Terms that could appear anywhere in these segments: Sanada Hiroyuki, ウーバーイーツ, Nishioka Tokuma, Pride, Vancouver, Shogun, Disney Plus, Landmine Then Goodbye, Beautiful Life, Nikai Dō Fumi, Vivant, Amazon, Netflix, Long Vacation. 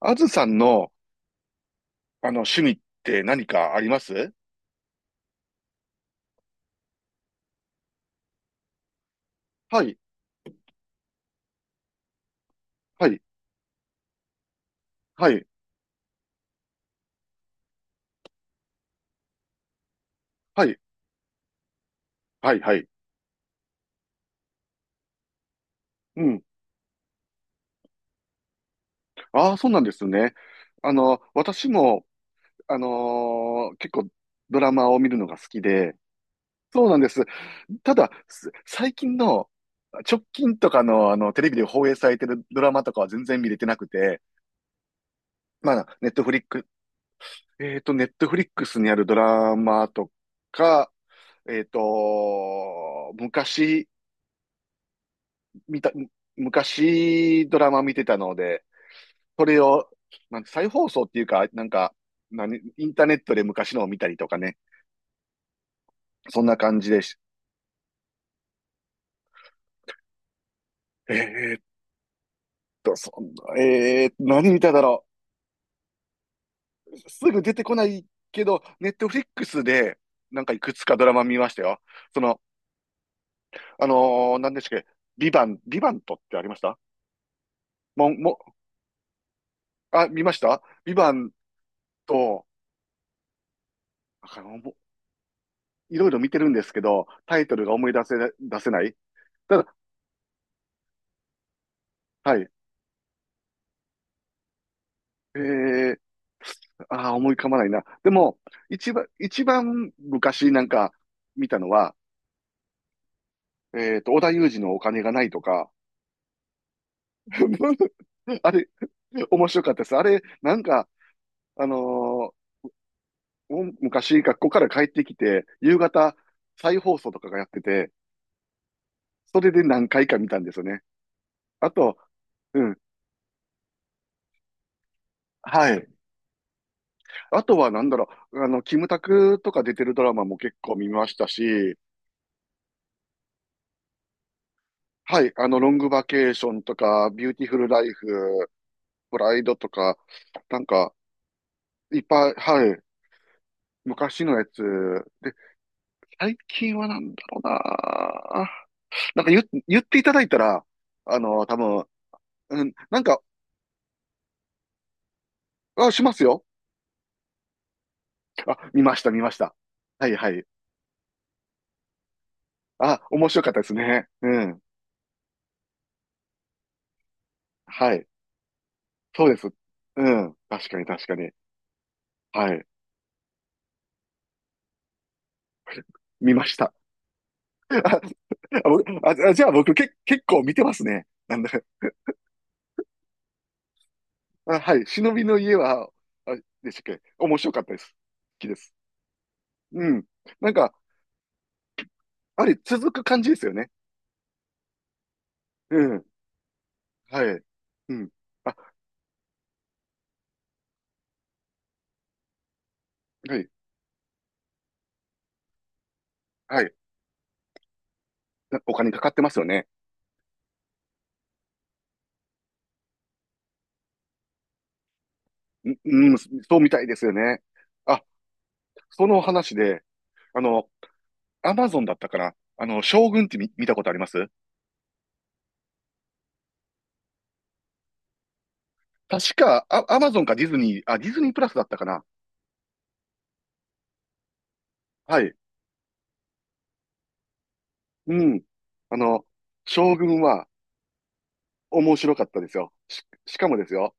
あずさんの、趣味って何かありますはい、はい、はい、はい、はい、はい。うん。ああ、そうなんですね。あの、私も、結構ドラマを見るのが好きで、そうなんです。ただ、最近の、直近とかの、あの、テレビで放映されてるドラマとかは全然見れてなくて、まあ、ネットフリックスにあるドラマとか、えっと、昔、見た、昔ドラマ見てたので、それを、なんて再放送っていうか、なんか、何、インターネットで昔のを見たりとかね、そんな感じでし、えーっそんな、何見ただろう。すぐ出てこないけど、ネットフリックスで、なんかいくつかドラマ見ましたよ。その、何でしたっけ、ビバントってありましたもうもうあ、見ましたビバント。あの、もういろいろ見てるんですけど、タイトルが思い出せ、出せない。ただ、はい。ええ、ああー、思い浮かばないな。でも、一番昔なんか見たのは、えっと、織田裕二のお金がないとか、あれ、面白かったです。あれ、なんか、あのーお昔学校から帰ってきて、夕方再放送とかがやってて、それで何回か見たんですよね。あと、うん、はい。あとはなんだろう、あの、キムタクとか出てるドラマも結構見ましたし、はい、あの、ロングバケーションとか、ビューティフルライフ、プライドとか、なんか、いっぱい、はい、昔のやつ。で、最近はなんだろうな。なんか言、言っていただいたら、あの、多分、うん、なんか、あ、しますよ。あ、見ました、見ました。はいはい。あ、面白かったですね。うん。はい。そうです。うん。確かに、確かに。はい。見ました。あ、僕、あ、あじゃあ僕、け、結構見てますね。なんだ、あ、はい。忍びの家は、あ、でしたっけ、面白かったです。好きです。うん。なんか、あれ、続く感じですよね。うん。はい。うん。あ、はい。はい。なお金かかってますよね。うん、そうみたいですよね。あ、その話で、あの、アマゾンだったかな、あの、将軍って見たことあります確か、あ、アマゾンかディズニー、あ、ディズニープラスだったかな。はい。うん。あの、将軍は面白かったですよ。しかもですよ。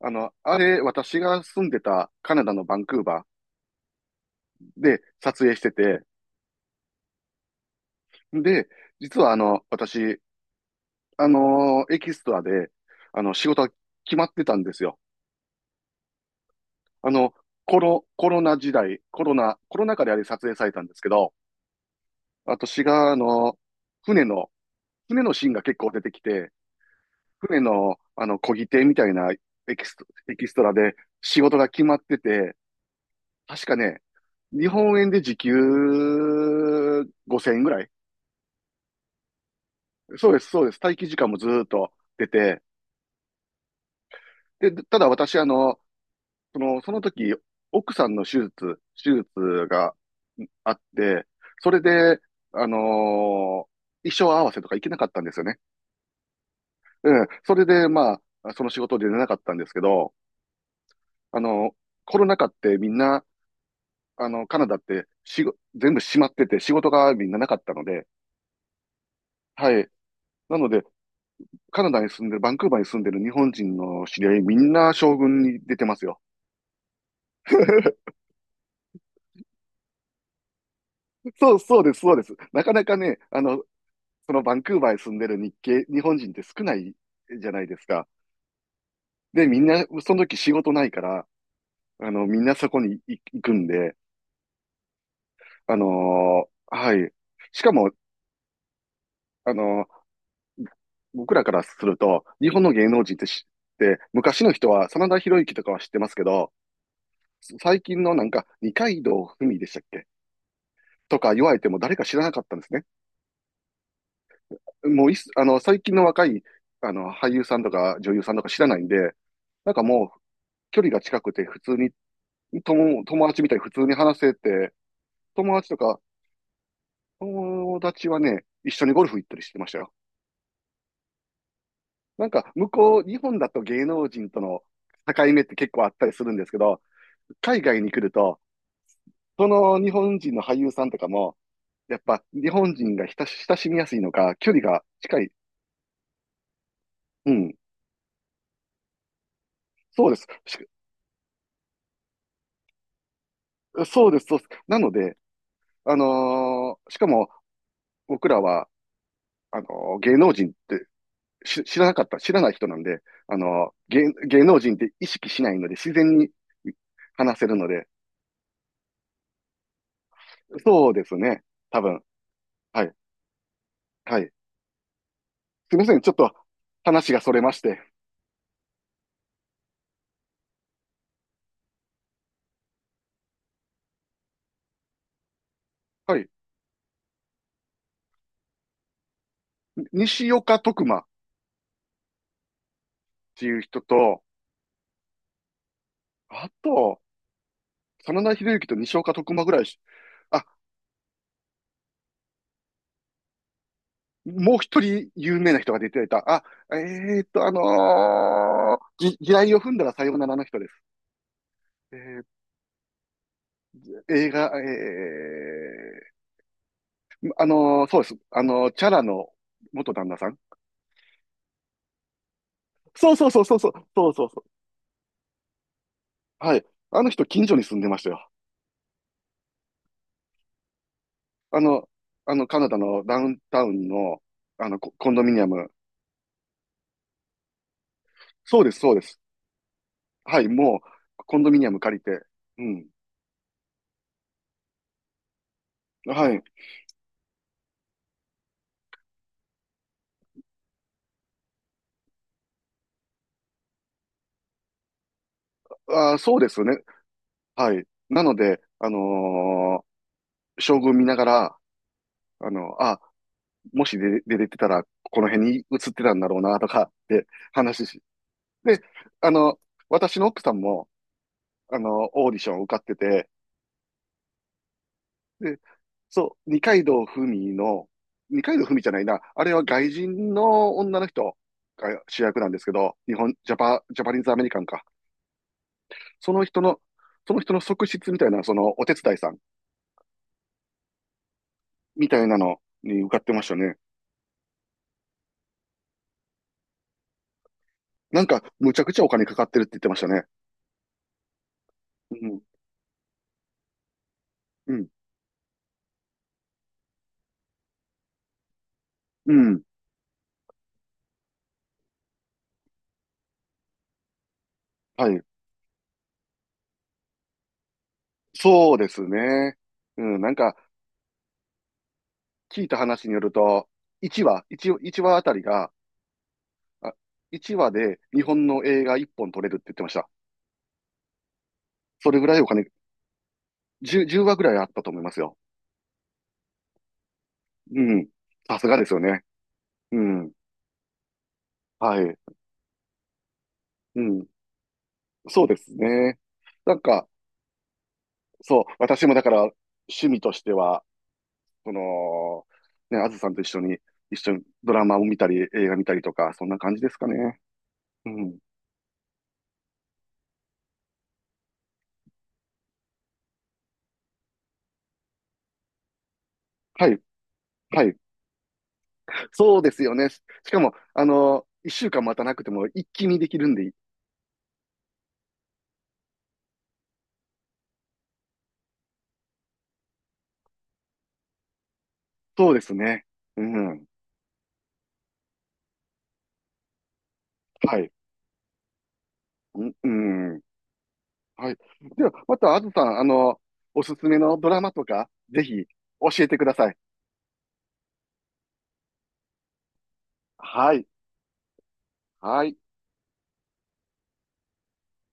あの、あれ、私が住んでたカナダのバンクーバーで撮影してて、で、実はあの、私、あのエキストラで、あの、仕事が決まってたんですよ。あの、コロ、コロナ時代、コロナ、コロナ禍であれ撮影されたんですけど、私が、あの、船の、船のシーンが結構出てきて、船の、あの、漕ぎ手みたいなエキスト、エキストラで仕事が決まってて、確かね、日本円で時給5000円ぐらい。そうです、そうです。待機時間もずーっと出て、で、ただ私、あの、その時、奥さんの手術、手術があって、それで、あのー衣装合わせとか行けなかったんですよね。うん。それで、まあ、その仕事で出なかったんですけど、あの、コロナ禍ってみんな、あの、カナダってしご、全部閉まってて仕事がみんななかったので、はい。なので、カナダに住んでる、バンクーバーに住んでる日本人の知り合い、みんな将軍に出てますよ。そう、そうです、そうです。なかなかね、あの、そのバンクーバーに住んでる日本人って少ないじゃないですか。で、みんな、その時仕事ないから、あの、みんなそこに行くんで、あのーはい。しかも、あのー僕らからすると、日本の芸能人って知って、昔の人は、真田広之とかは知ってますけど、最近のなんか、二階堂ふみでしたっけとか言われても誰か知らなかったんですね。もういっす、あの、最近の若い、あの、俳優さんとか女優さんとか知らないんで、なんか、距離が近くて普通に、友達みたいに普通に話せて、友達とか、友達はね、一緒にゴルフ行ったりしてましたよ。なんか、向こう、日本だと芸能人との境目って結構あったりするんですけど、海外に来ると、その日本人の俳優さんとかも、やっぱ日本人が親しみやすいのか、距離が近い。うん、そうです。そうです、そうです。なので、あのーしかも僕らは、あのー芸能人って知らない人なんで、あの、芸能人って意識しないので、自然に話せるので、そうですね、多分。はい、はい。すみません、ちょっと話がそれまして。はい、西岡徳馬っていう人と、あと、真田広之と西岡徳馬ぐらいし、あ、もう一人有名な人が出ていた。あ、ぎ地雷を踏んだらさようならの人です。えー、映画、え、そうです。あのーチャラの元旦那さん。そうそうそう。はい。あの人、近所に住んでましたよ。あの、あの、カナダのダウンタウンの、あの、コンドミニアム。そうです、そうです。はい、もう、コンドミニアム借りて。うん。はい。あー、そうですよね。はい。なので、あのー将軍見ながら、あの、あ、もし出、出れてたら、この辺に移ってたんだろうな、とかって話し。で、あの、私の奥さんも、あの、オーディションを受かってて、で、そう、二階堂ふみの、二階堂ふみじゃないな、あれは外人の女の人が主役なんですけど、日本、ジャパニーズアメリカンか。その人の、その人の側室みたいな、そのお手伝いさんみたいなのに受かってましたね。なんか、むちゃくちゃお金かかってるって言ってましたね。うん、うん、うん。はい。そうですね。うん、なんか、聞いた話によると、1話、いち一話あたりが、あ、1話で日本の映画1本撮れるって言ってました。それぐらいお金、10、話ぐらいあったと思いますよ。うん。さすがですよね。うん。はい。うん。そうですね。なんか、そう、私もだから趣味としては、その、ね、あずさんと一緒に、一緒にドラマを見たり、映画見たりとか、そんな感じですかね。うん。はい。はい。そうですよね。しかも、あの、一週間待たなくても一気にできるんで、そうですね。うん。はい。うんうん。はい。では、また、あずさん、あの、おすすめのドラマとか、ぜひ、教えてください。はい。はい。